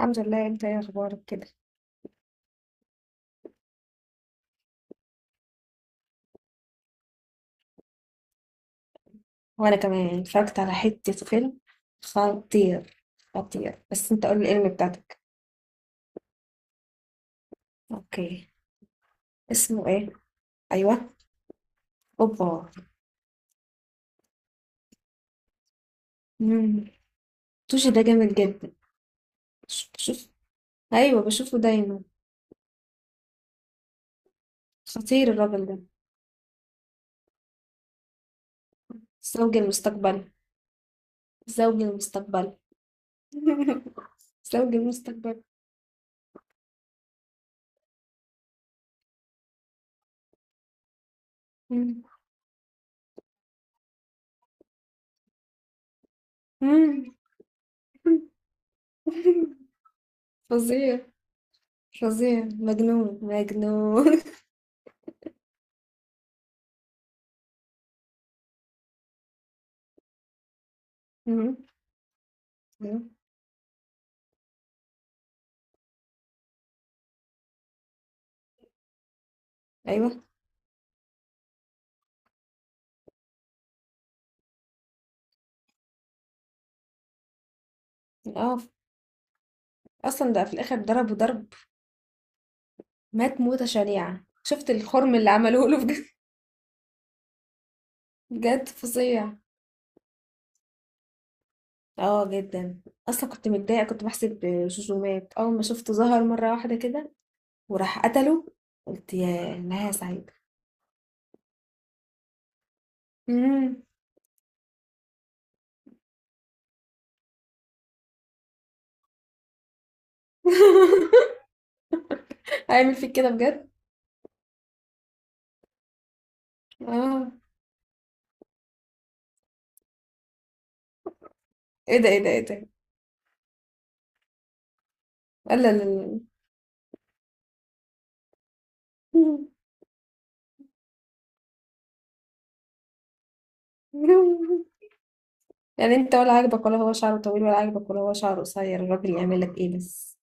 الحمد لله، انت ايه اخبارك كده؟ وانا كمان اتفرجت على حتة فيلم خطير. خطير، بس انت قول لي الاسم بتاعتك. اوكي. اسمه ايه؟ ايوه. اوبا. امم توشي ده جامد جدا. شوف. ايوه، بشوفه دايما. خطير الراجل ده. زوج المستقبل. زوج المستقبل. زوج المستقبل. مم. مم. فظيع. فظيع، مجنون مجنون. مم. مم. ايوه. اه، اصلا ده في الاخر ضربه ضرب. مات موتة شنيعة، شفت الخرم اللي عملوه له بجد. بجد فظيع. اه جدا. اصلا كنت متضايقة، كنت بحسب جوجو مات. اول ما شفته ظهر مرة واحدة كده وراح قتله، قلت يا نهاية سعيدة. مم. هيعمل فيك كده بجد. اه. ايه ده، ايه ده، ايه ده؟ لا لا لا لا. يعني انت ولا عاجبك ولا هو شعره طويل، ولا عاجبك ولا هو شعره قصير، الراجل يعمل لك ايه بس؟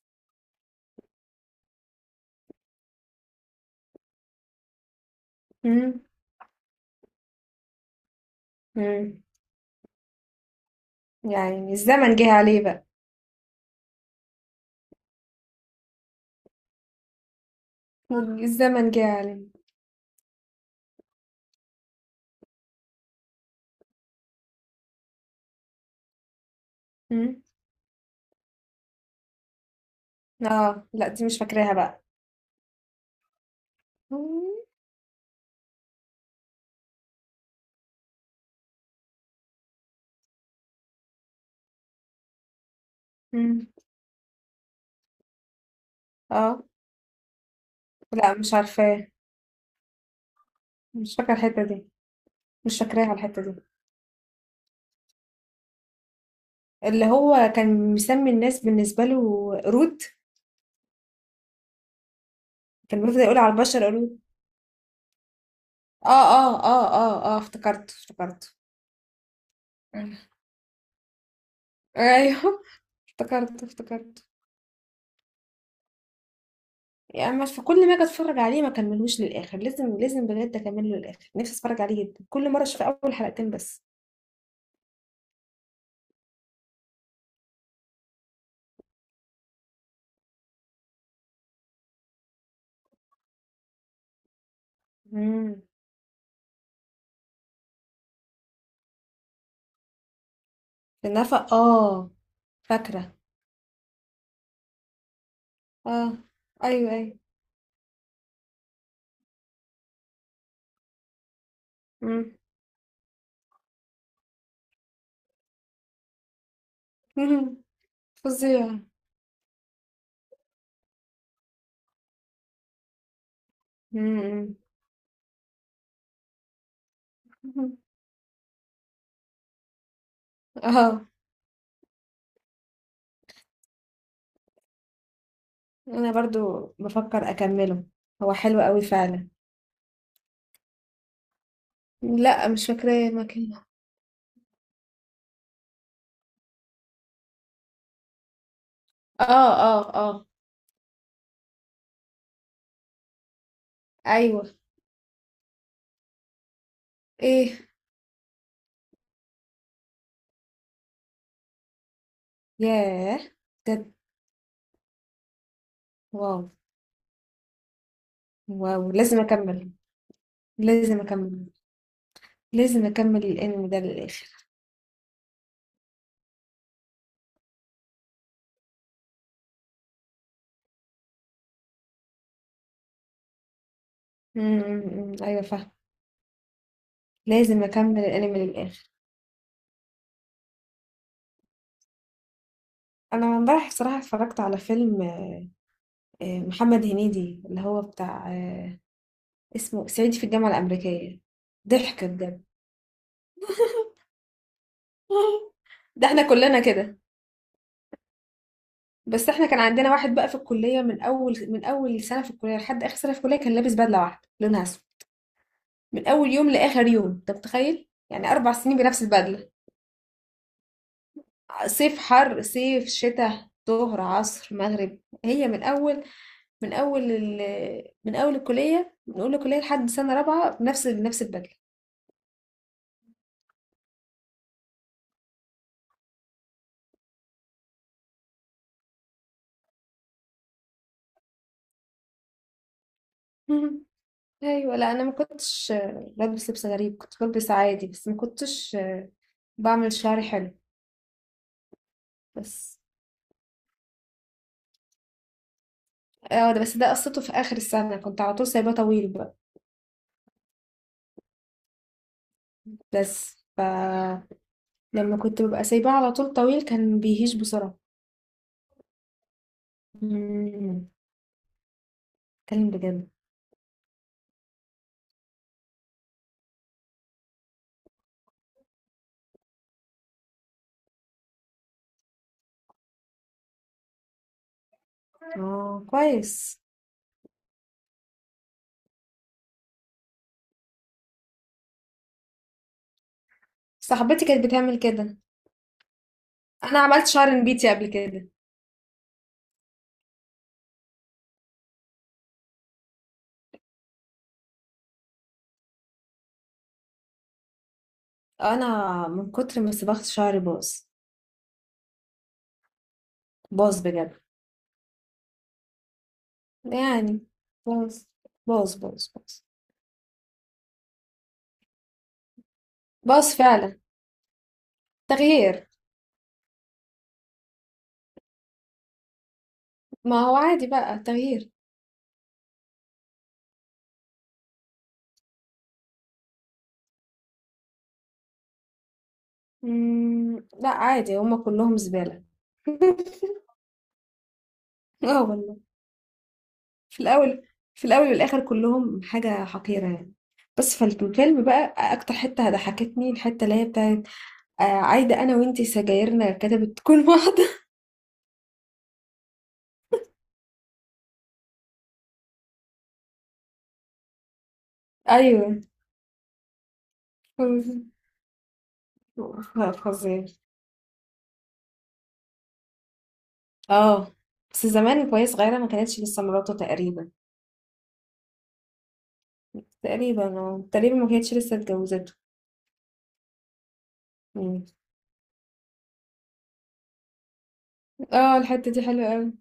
مم. مم. يعني الزمن جه عليه بقى. الزمن جه يا عالم. مم. اه، لا دي مش فاكراها بقى. مم. اه. لا مش عارفاه. مش فاكره الحته دي. مش فاكراها الحته دي. اللي هو كان مسمي الناس بالنسبه له قرود. كان بيفضل يقول على البشر قرود. اه اه اه اه اه، افتكرته افتكرته. ايوه. افتكرته افتكرته. يعني مش في كل ما اجي اتفرج عليه ما كملوش للاخر. لازم لازم بجد اكمله للاخر. نفسي اتفرج عليه جدا. كل مره اشوف اول حلقتين بس. امم النفق، اه. فاكره. آه. أيوه، أيوه. إمم. اهم. فظيع. إمم، إمم. اهم. آه. أنا برضه بافكّر أكمّله. هو حلو أوي فعلًا. لأ، مش فاكراه المكان. آه، آه، آه. أيوه. إيه؟ ياه! بجد. واو. واو! لازم أكمّل. لازم أكمّل. لازم أكمّل الأنمي ده للآخر. إمم، إمم، إمم، أيوه فاهمة. لازم أكمّل الأنمي للآخر. أنا امبارح الصراحة اتفرّجت على فيلم محمد هنيدي اللي هو بتاع اسمه صعيدي في الجامعة الأمريكية. ضحك بجد. ده احنا كلنا كده. بس احنا كان عندنا واحد بقى في الكلية، من أول سنة في الكلية لحد آخر سنة في الكلية كان لابس بدلة واحدة لونها أسود. من أول يوم لآخر يوم، أنت متخيل؟ يعني أربع سنين بنفس البدلة. صيف حر، صيف شتاء، ظهر عصر مغرب. هي من أول من أول ال... من أول الكلية لحد سنة رابعة بنفس البدلة. أيوة. لا أنا ما كنتش بلبس لبس غريب، كنت بلبس عادي، بس ما كنتش بعمل شعري حلو بس. اه ده، بس ده قصته في اخر السنة كنت على طول سايباه طويل بقى. بس ف لما كنت ببقى سايباه على طول طويل كان بيهيج بسرعة. مم، اتكلم بجد. اه كويس. صاحبتي كانت بتعمل كده. انا عملت شعر نبيتي قبل كده. انا من كتر ما صبغت شعري باظ. باظ بجد، يعني باظ. باظ باظ باظ. باظ فعلا. تغيير. ما هو عادي بقى، تغيير. لا عادي هما كلهم زبالة. اه والله. في الأول، في الأول والآخر كلهم حاجة حقيرة يعني. بس فالفيلم بقى أكتر حتة ضحكتني الحتة اللي هي بتاعت عايدة. أنا وإنتي سجايرنا كتبت تكون واحدة. أيوة. ف- فظيع. اه. بس زمان وهي صغيرة ما كانتش لسه مراته تقريبا. تقريبا اه، تقريبا ما كانتش لسه اتجوزته. مم. اه الحتة دي حلوة أوي.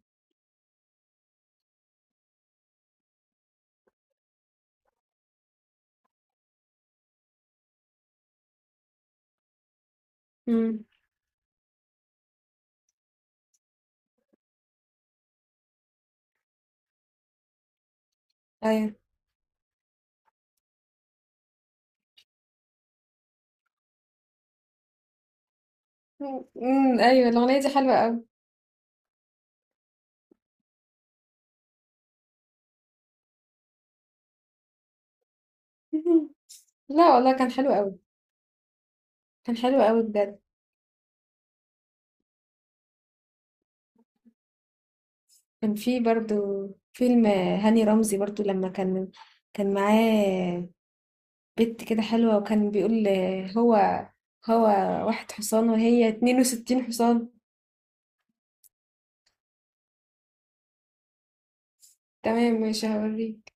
مم. أيوة. مم. أيوة الأغنية دي حلوة أوي. مهم. لا والله كان حلو قوي. كان حلو قوي بجد. كان في برضو فيلم هاني رمزي برضو لما كان معاه بنت كده حلوة وكان بيقول هو هو واحد حصان وهي 62 حصان. تمام، مش هوريك